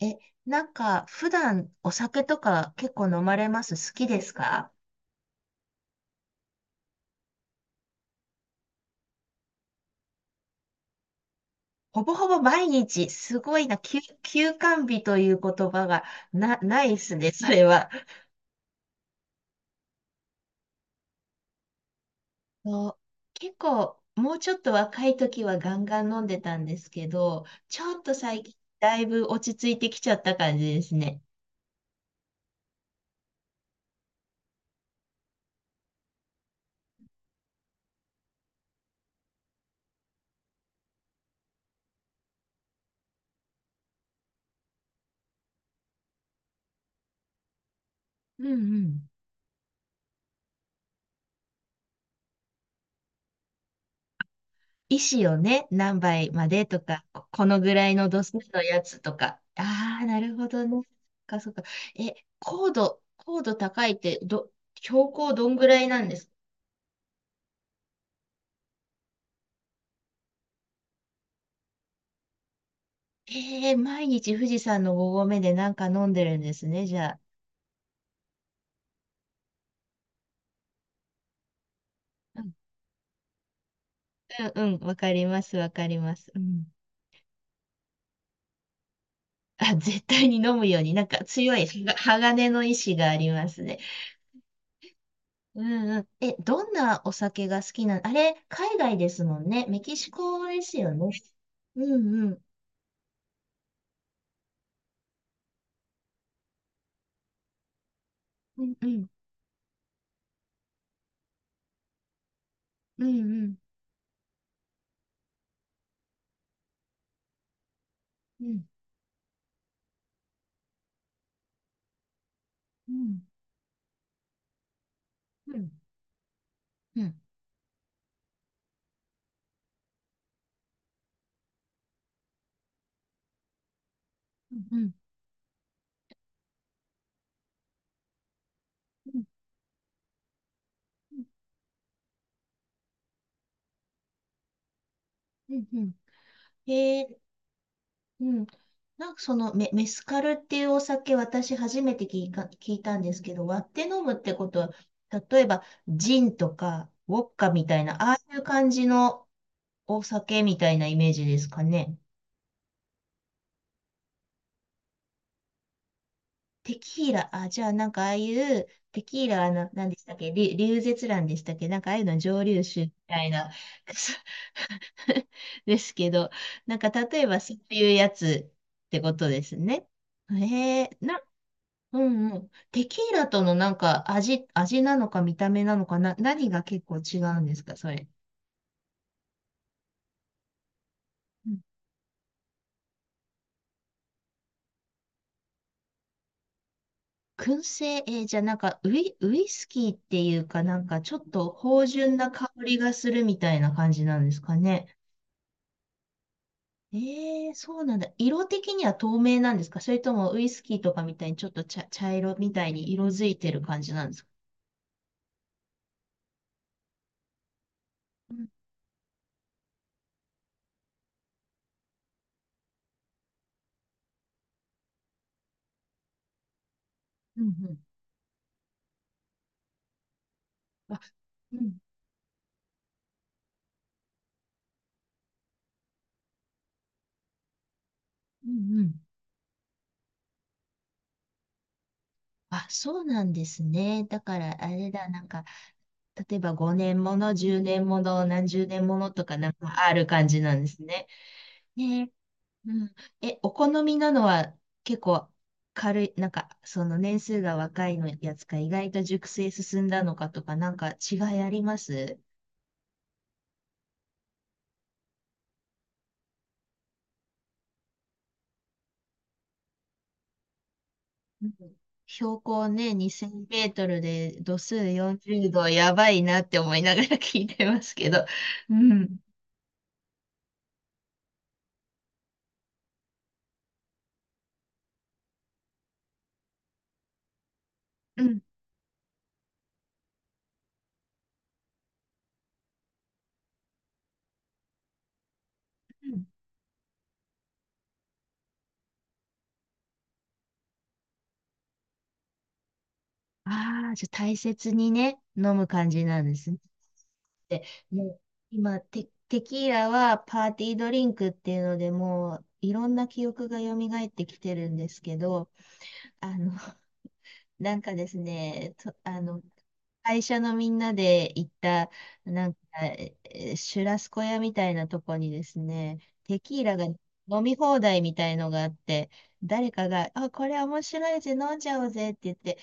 え、普段お酒とか結構飲まれます？好きですか？ほぼほぼ毎日、すごいな、休肝日という言葉がないですね、それは。そう、結構、もうちょっと若い時はガンガン飲んでたんですけど、ちょっと最近、だいぶ落ち着いてきちゃった感じですね。うんうん。石をね、何倍までとか、ここのぐらいの度数のやつとか。ああ、なるほどね。そっか。え、高度高いって、標高どんぐらいなんですか？えー、毎日富士山の5合目でなんか飲んでるんですね、じゃあ。うんうん、うん、わかります、わかります。うん。あ、絶対に飲むように、なんか強いはが鋼の意志がありますね。うんうん。え、どんなお酒が好きなの？あれ、海外ですもんね。メキシコですよね。うんうん。うんうん。うんうん。うん。うん。うん。うん。うんうん。うん。へえ、うん。なんかそのメスカルっていうお酒、私初めて聞いたんですけど、割って飲むってことは、例えば、ジンとか、ウォッカみたいな、ああいう感じのお酒みたいなイメージですかね。テキーラ、あ、じゃあなんかああいう、テキーラ、あの、何でしたっけ、リュウゼツランでしたっけ、なんかああいうの蒸留酒みたいな、ですけど、なんか例えばそういうやつってことですね。へえ、な、うんうん。テキーラとのなんか味なのか見た目なのかな、何が結構違うんですか、それ。うん。燻製、えーじゃあなんかウイスキーっていうかなんかちょっと芳醇な香りがするみたいな感じなんですかね。ええ、そうなんだ。色的には透明なんですか？それともウイスキーとかみたいにちょっと茶色みたいに色づいてる感じなんですか？うんうんうん。あ、うん、うんうん。あ、そうなんですね。だから、あれだ、なんか、例えば5年もの、10年もの、何十年ものとかなんかある感じなんですね。ねえ、うん。え、お好みなのは結構軽い、なんか、その年数が若いのやつか、意外と熟成進んだのかとか、なんか違いあります？うん。標高ね、2000メートルで度数40度、やばいなって思いながら聞いてますけど。うん。うん。ああー、じゃあ大切にね、飲む感じなんですね。で、もう今テキーラはパーティードリンクっていうので、もういろんな記憶が蘇ってきてるんですけど、あの、なんかですね、と、あの、会社のみんなで行った、なんか、えーシュラスコ屋みたいなとこにですね、テキーラが飲み放題みたいのがあって、誰かが、あ、これ面白いぜ、飲んじゃおうぜって言って、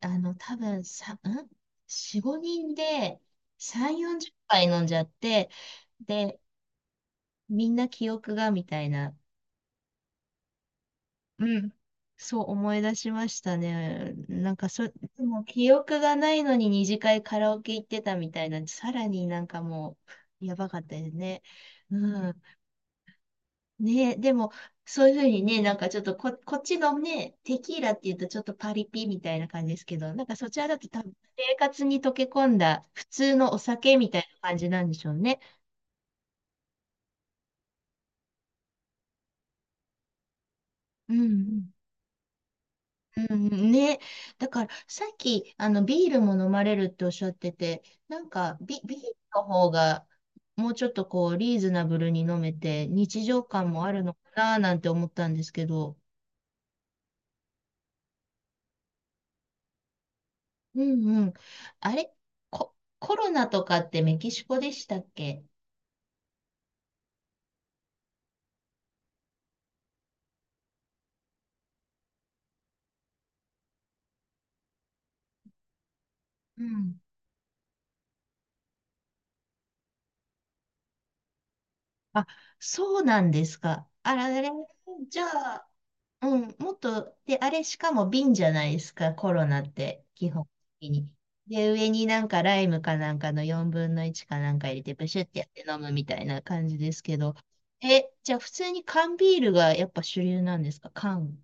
あの、多分さ、ん？ 4、5人で3、40杯飲んじゃって、で、みんな記憶がみたいな。うん。そう思い出しましたね。なんかそ、でも記憶がないのに二次会カラオケ行ってたみたいなんで、さらになんかもう、やばかったですね。うん。ねえ、でも、そういうふうにね、なんかちょっとこ、こっちのね、テキーラって言うとちょっとパリピみたいな感じですけど、なんかそちらだと多分生活に溶け込んだ普通のお酒みたいな感じなんでしょうね。うんうん。うんうんね。だから、さっき、あの、ビールも飲まれるっておっしゃってて、なんかビールの方が、もうちょっとこう、リーズナブルに飲めて、日常感もあるのかな、なんて思ったんですけど。うんうん。あれ、コロナとかってメキシコでしたっけ？うん。あ、そうなんですか。あらあれ、じゃあ、うん、もっと、で、あれしかも瓶じゃないですか、コロナって、基本的に。で、上になんかライムかなんかの4分の1かなんか入れて、ブシュってやって飲むみたいな感じですけど。え、じゃあ普通に缶ビールがやっぱ主流なんですか、缶。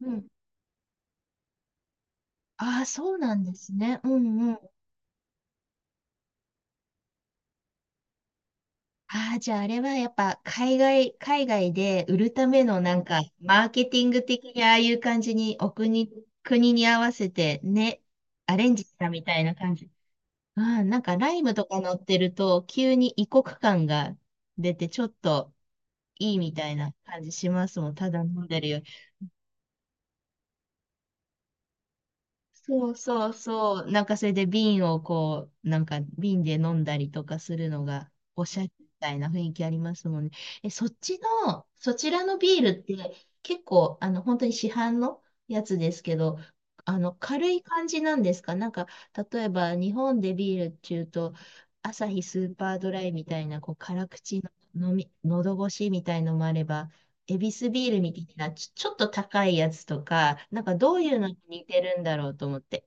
うん。ああ、そうなんですね。うんうん。ああ、じゃああれはやっぱ海外で売るためのなんか、マーケティング的にああいう感じに、国に合わせてね、アレンジしたみたいな感じ。うん、なんかライムとか乗ってると、急に異国感が出て、ちょっといいみたいな感じしますもん。ただ飲んでるよ。そうそうそう。なんかそれで瓶をこう、なんか瓶で飲んだりとかするのがおしゃれみたいな雰囲気ありますもんね。え、そちらのビールって結構、あの、本当に市販のやつですけど、あの、軽い感じなんですかなんか、例えば日本でビールっていうと、アサヒスーパードライみたいな、こう、辛口の飲み、喉越しみたいのもあれば、エビスビールみたいな、ちょっと高いやつとか、なんかどういうのに似てるんだろうと思って。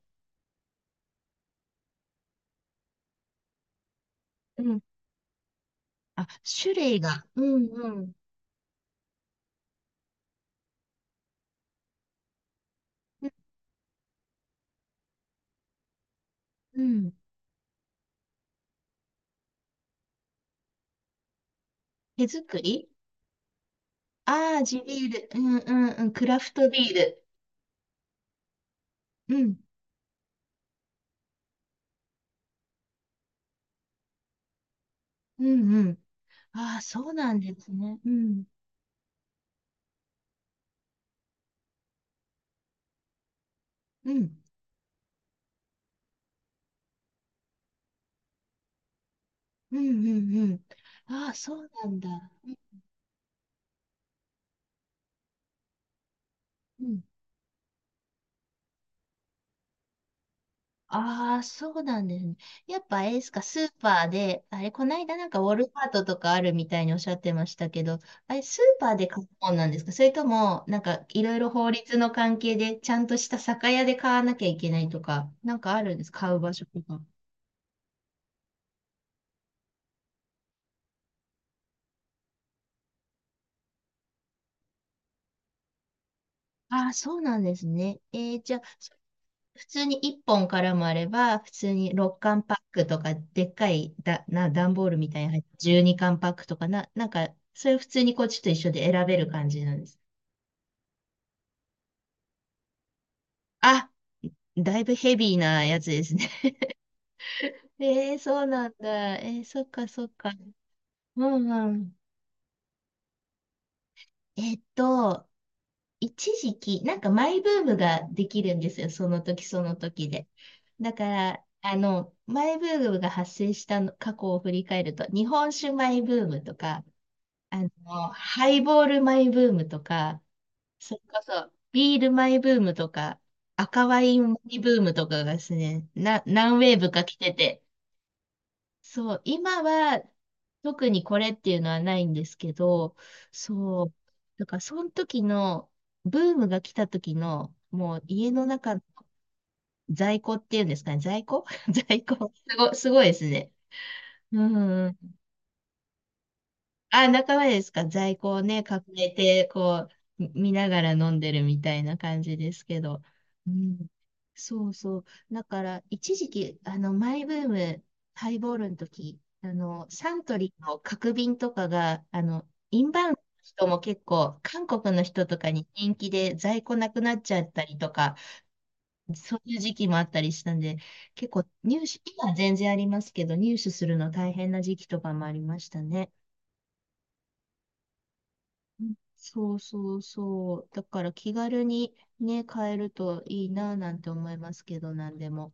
うん。あ、種類が。うんうん。うんうん。手作り、ああー、地ビール。うんうんうん。クラフトビール。うん。うんうん。ああ、そうなんですね。うん。うん。うんうんうん。ああ、そうなんだ。うん。ああ、そうなんですね。やっぱあれですか、スーパーで、あれ、こないだなんかウォルマートとかあるみたいにおっしゃってましたけど、あれ、スーパーで買うもんなんですか？それとも、なんかいろいろ法律の関係で、ちゃんとした酒屋で買わなきゃいけないとか、なんかあるんです？買う場所とか。ああ、そうなんですね。えー、じゃあ、そ普通に1本からもあれば、普通に6缶パックとか、でっかいだ、な、段ボールみたいに入った12缶パックとかな、なんか、それ普通にこっちと一緒で選べる感じなんです？あ、だいぶヘビーなやつですね えー、そうなんだ。えー、そっか。うんうん。えっと、一時期、なんかマイブームができるんですよ。その時その時で。だから、あの、マイブームが発生したの過去を振り返ると、日本酒マイブームとか、あの、ハイボールマイブームとか、それこそビールマイブームとか、赤ワインマイブームとかがですね、な、何ウェーブか来てて、そう、今は特にこれっていうのはないんですけど、そう、だからその時の、ブームが来た時の、もう家の中、在庫っていうんですかね、在庫 在庫。すごいですね。うん。あ、仲間ですか？在庫をね、抱えて、こう、見ながら飲んでるみたいな感じですけど。うん。そうそう。だから、一時期、あの、マイブーム、ハイボールの時、あの、サントリーの角瓶とかが、あの、インバウンドの人も結構、韓国の人とかに人気で在庫なくなっちゃったりとか、そういう時期もあったりしたんで、結構入手、今は全然ありますけど、入手するの大変な時期とかもありましたね。うん、そうそうそう。だから気軽にね、買えるといいななんて思いますけど、なんでも。